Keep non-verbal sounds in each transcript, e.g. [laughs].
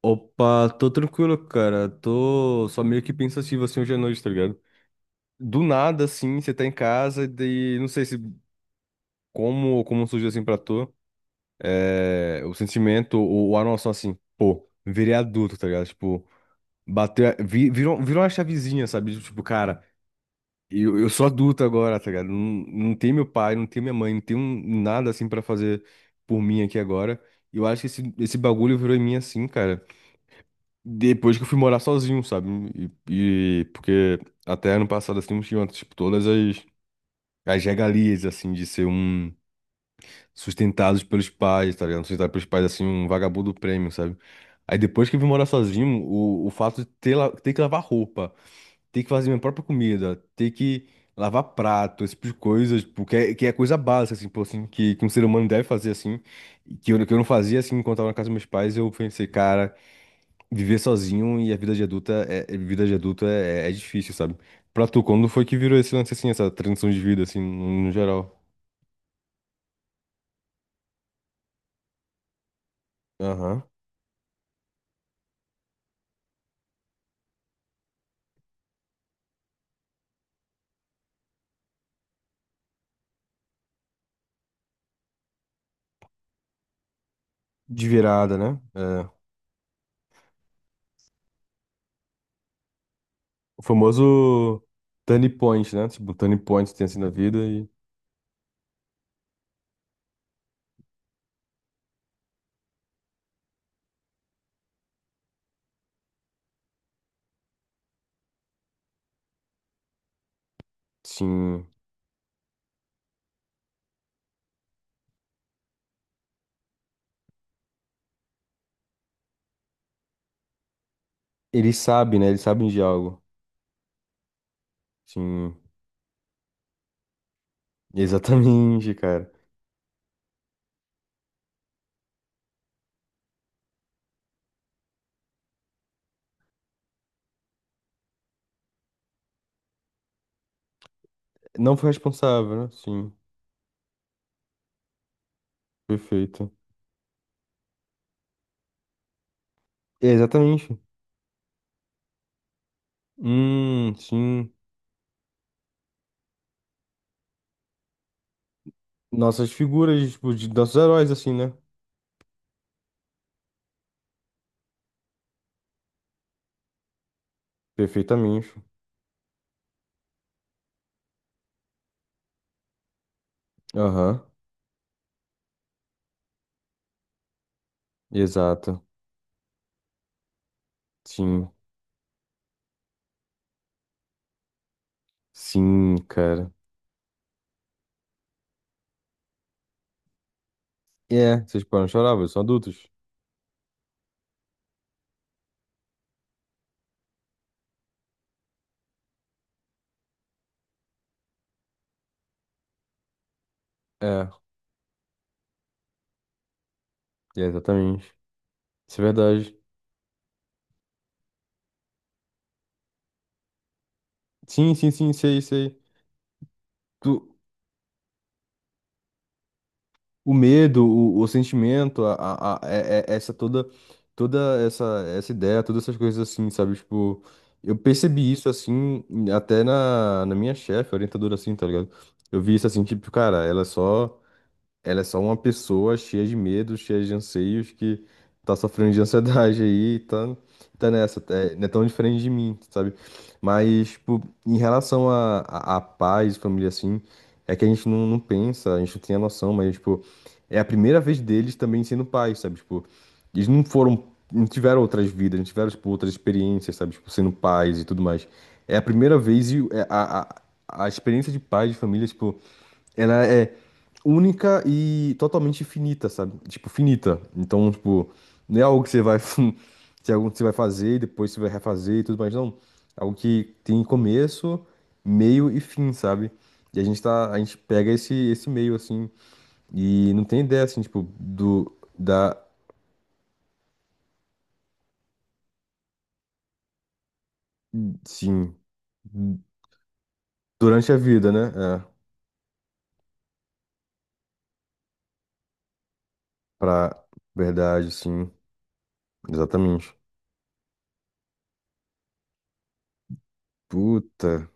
Opa, tô tranquilo, cara. Tô só meio que pensativo assim hoje à noite, tá ligado? Do nada, assim, você tá em casa e daí, não sei se como surgiu assim pra tu, o sentimento ou a noção assim, pô, virei adulto, tá ligado? Tipo, bateu, virou uma chavezinha, sabe? Tipo, cara, eu sou adulto agora, tá ligado? Não, não tem meu pai, não tem minha mãe, não tem nada assim pra fazer por mim aqui agora. E eu acho que esse bagulho virou em mim assim, cara. Depois que eu fui morar sozinho, sabe? E porque até ano passado, assim, eu tinha, tipo, todas as regalias, assim, de ser um sustentados pelos pais, tá ligado? Sustentado pelos pais, assim, um vagabundo prêmio, sabe? Aí depois que eu vim morar sozinho, o fato de ter, ter que lavar roupa, ter que fazer minha própria comida, ter que lavar prato, esse tipo de coisas, tipo, que é coisa básica, assim, pô, assim, que um ser humano deve fazer, assim, e que eu não fazia, assim, enquanto eu tava na casa dos meus pais, eu pensei, cara. Viver sozinho e a vida de adulta é, vida de adulto é difícil, sabe? Pra tu, quando foi que virou esse lance assim, essa transição de vida, assim, no geral? Aham. De virada, né? É. O famoso turning point, né? Tipo, turning point tem assim na vida e, sim, eles sabem, né? Eles sabem de algo. Sim, exatamente, cara. Não foi responsável, né? Sim, perfeito. Exatamente. Sim. Nossas figuras, tipo, de nossos heróis, assim, né? Perfeitamente. Aham. Exato. Sim. Sim, cara. É, vocês podem chorar, vocês são adultos. É, é, exatamente. Isso é verdade. Sim, sim, sim, sei, sei. Tu, o medo, o sentimento, essa toda, toda essa ideia, todas essas coisas assim, sabe? Tipo, eu percebi isso assim, até na, na minha chefe, orientadora assim, tá ligado? Eu vi isso assim, tipo, cara, ela é só. Ela é só uma pessoa cheia de medos cheia de anseios, que tá sofrendo de ansiedade aí, e tá nessa, é, não é tão diferente de mim, sabe? Mas, tipo, em relação a pais, família, assim, é que a gente não pensa, a gente não tem a noção, mas, tipo, é a primeira vez deles também sendo pais, sabe? Tipo, eles não foram, não tiveram outras vidas, não tiveram, tipo, outras experiências, sabe? Tipo, sendo pais e tudo mais. É a primeira vez e é a experiência de pai, de família, tipo, ela é única e totalmente finita, sabe? Tipo, finita. Então, tipo, não é algo que você vai, [laughs] que é algo que você vai fazer e depois você vai refazer e tudo mais, não. É algo que tem começo, meio e fim, sabe? E a gente tá, a gente pega esse meio assim e não tem ideia assim, tipo, do da sim, durante a vida, né? É, pra verdade, sim, exatamente. Puta,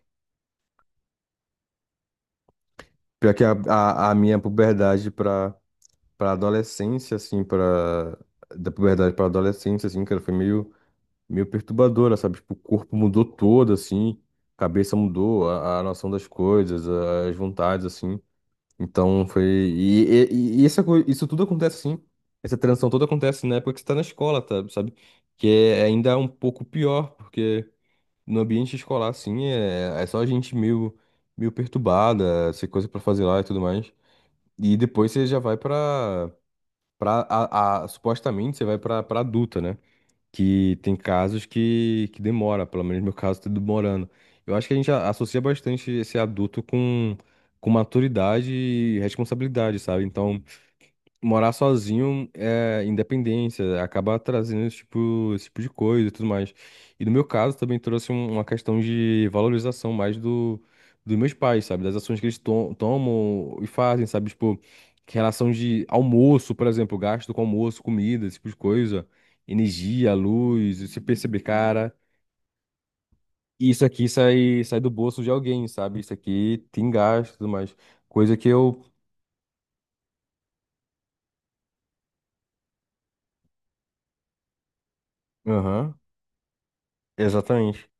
pior que a minha puberdade pra para adolescência, assim, para da puberdade para adolescência, assim, cara, foi meio perturbadora, sabe? Tipo, o corpo mudou todo, assim, a cabeça mudou, a noção das coisas, as vontades, assim. Então foi isso tudo acontece assim, essa transição toda acontece na época que você tá na escola, tá, sabe? Que é ainda é um pouco pior, porque no ambiente escolar, assim, é, é só a gente meio perturbada, sem coisa pra fazer lá e tudo mais. E depois você já vai pra, supostamente você vai pra adulta, né? Que tem casos que demora, pelo menos no meu caso tá demorando. Eu acho que a gente associa bastante esse adulto com maturidade e responsabilidade, sabe? Então morar sozinho é independência, acaba trazendo esse tipo de coisa e tudo mais. E no meu caso também trouxe uma questão de valorização mais dos meus pais, sabe? Das ações que eles tomam e fazem, sabe? Tipo, que relação de almoço, por exemplo, gasto com almoço, comida, esse tipo de coisa, energia, luz, e se perceber, cara, isso aqui sai do bolso de alguém, sabe? Isso aqui tem gasto e tudo mais. Coisa que eu. Aham, exatamente.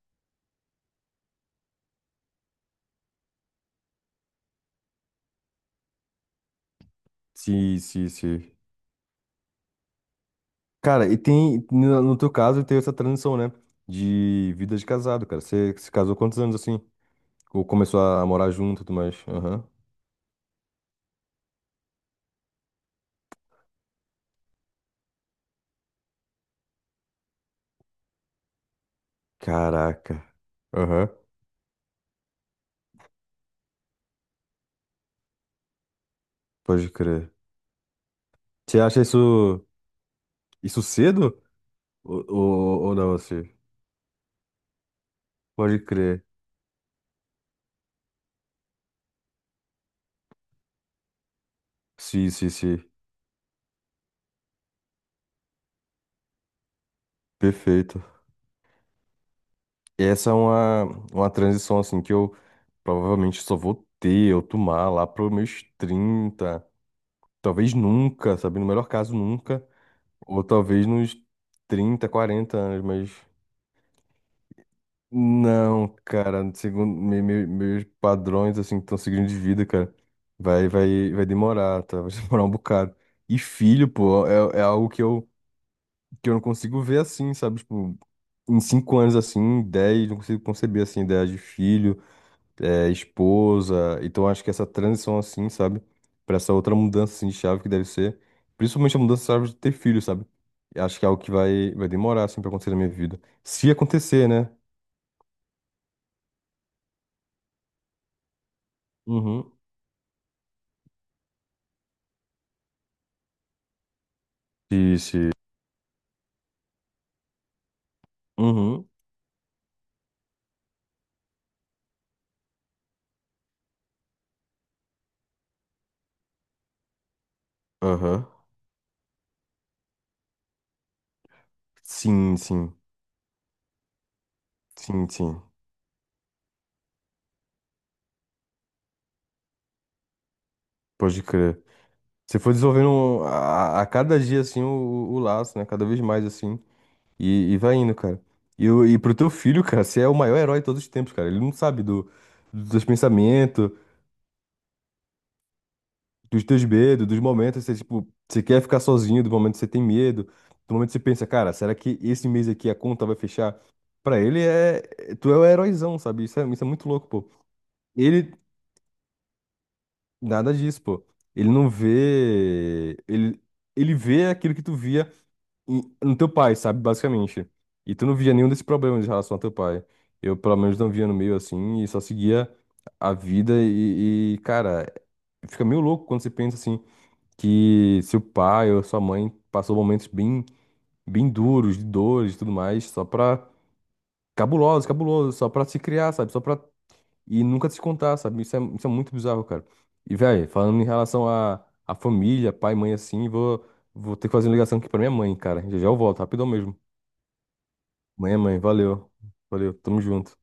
Sim, sim, sim. Cara, e tem, no teu caso, teve essa transição, né? De vida de casado, cara. Você se casou quantos anos assim? Ou começou a morar junto e tudo mais? Aham. Caraca. Aham. Pode crer. Você acha isso, isso cedo? Ou não, assim? Pode crer. Sim, sim, sim. Perfeito. Essa é uma transição, assim, que eu provavelmente só vou ter, eu tomar lá para meus 30. Talvez nunca, sabe? No melhor caso, nunca. Ou talvez nos 30, 40 anos, mas. Não, cara, segundo meus padrões, assim, que estão seguindo de vida, cara, vai demorar, tá? Vai [laughs] demorar um bocado. E filho, pô, é algo que eu não consigo ver assim, sabe? Tipo, em 5 anos, assim, em 10, não consigo conceber, assim, ideia de filho. É, esposa. Então acho que essa transição assim, sabe? Pra essa outra mudança assim, de chave que deve ser. Principalmente a mudança de chave de ter filho, sabe? Eu acho que é algo que vai demorar assim pra acontecer na minha vida. Se acontecer, né? Uhum. Se, se. Uhum. Aham. Sim, sim. Sim, sim. Pode crer. Você foi desenvolvendo a cada dia assim o laço, né? Cada vez mais assim. E vai indo, cara. E, e pro teu filho, cara, você é o maior herói de todos os tempos, cara. Ele não sabe dos teus pensamentos, dos teus medos, dos momentos que você, tipo, você quer ficar sozinho, do momento que você tem medo, do momento que você pensa, cara, será que esse mês aqui a conta vai fechar? Pra ele é. Tu é o heróizão, sabe? Isso é muito louco, pô. Ele. Nada disso, pô. Ele não vê. Ele vê aquilo que tu via no teu pai, sabe? Basicamente. E tu não via nenhum desses problemas em relação ao teu pai. Eu, pelo menos, não via no meio assim e só seguia a vida e, cara, fica meio louco quando você pensa assim que seu pai ou sua mãe passou momentos bem, bem duros, de dores e tudo mais, só pra. Cabulosos, cabulosos, só pra se criar, sabe? Só pra. E nunca se contar, sabe? Isso é muito bizarro, cara. E, velho, falando em relação à família, pai, mãe, assim, vou ter que fazer uma ligação aqui pra minha mãe, cara. Já já eu volto, rapidão mesmo. Mãe, é mãe, valeu. Valeu, tamo junto.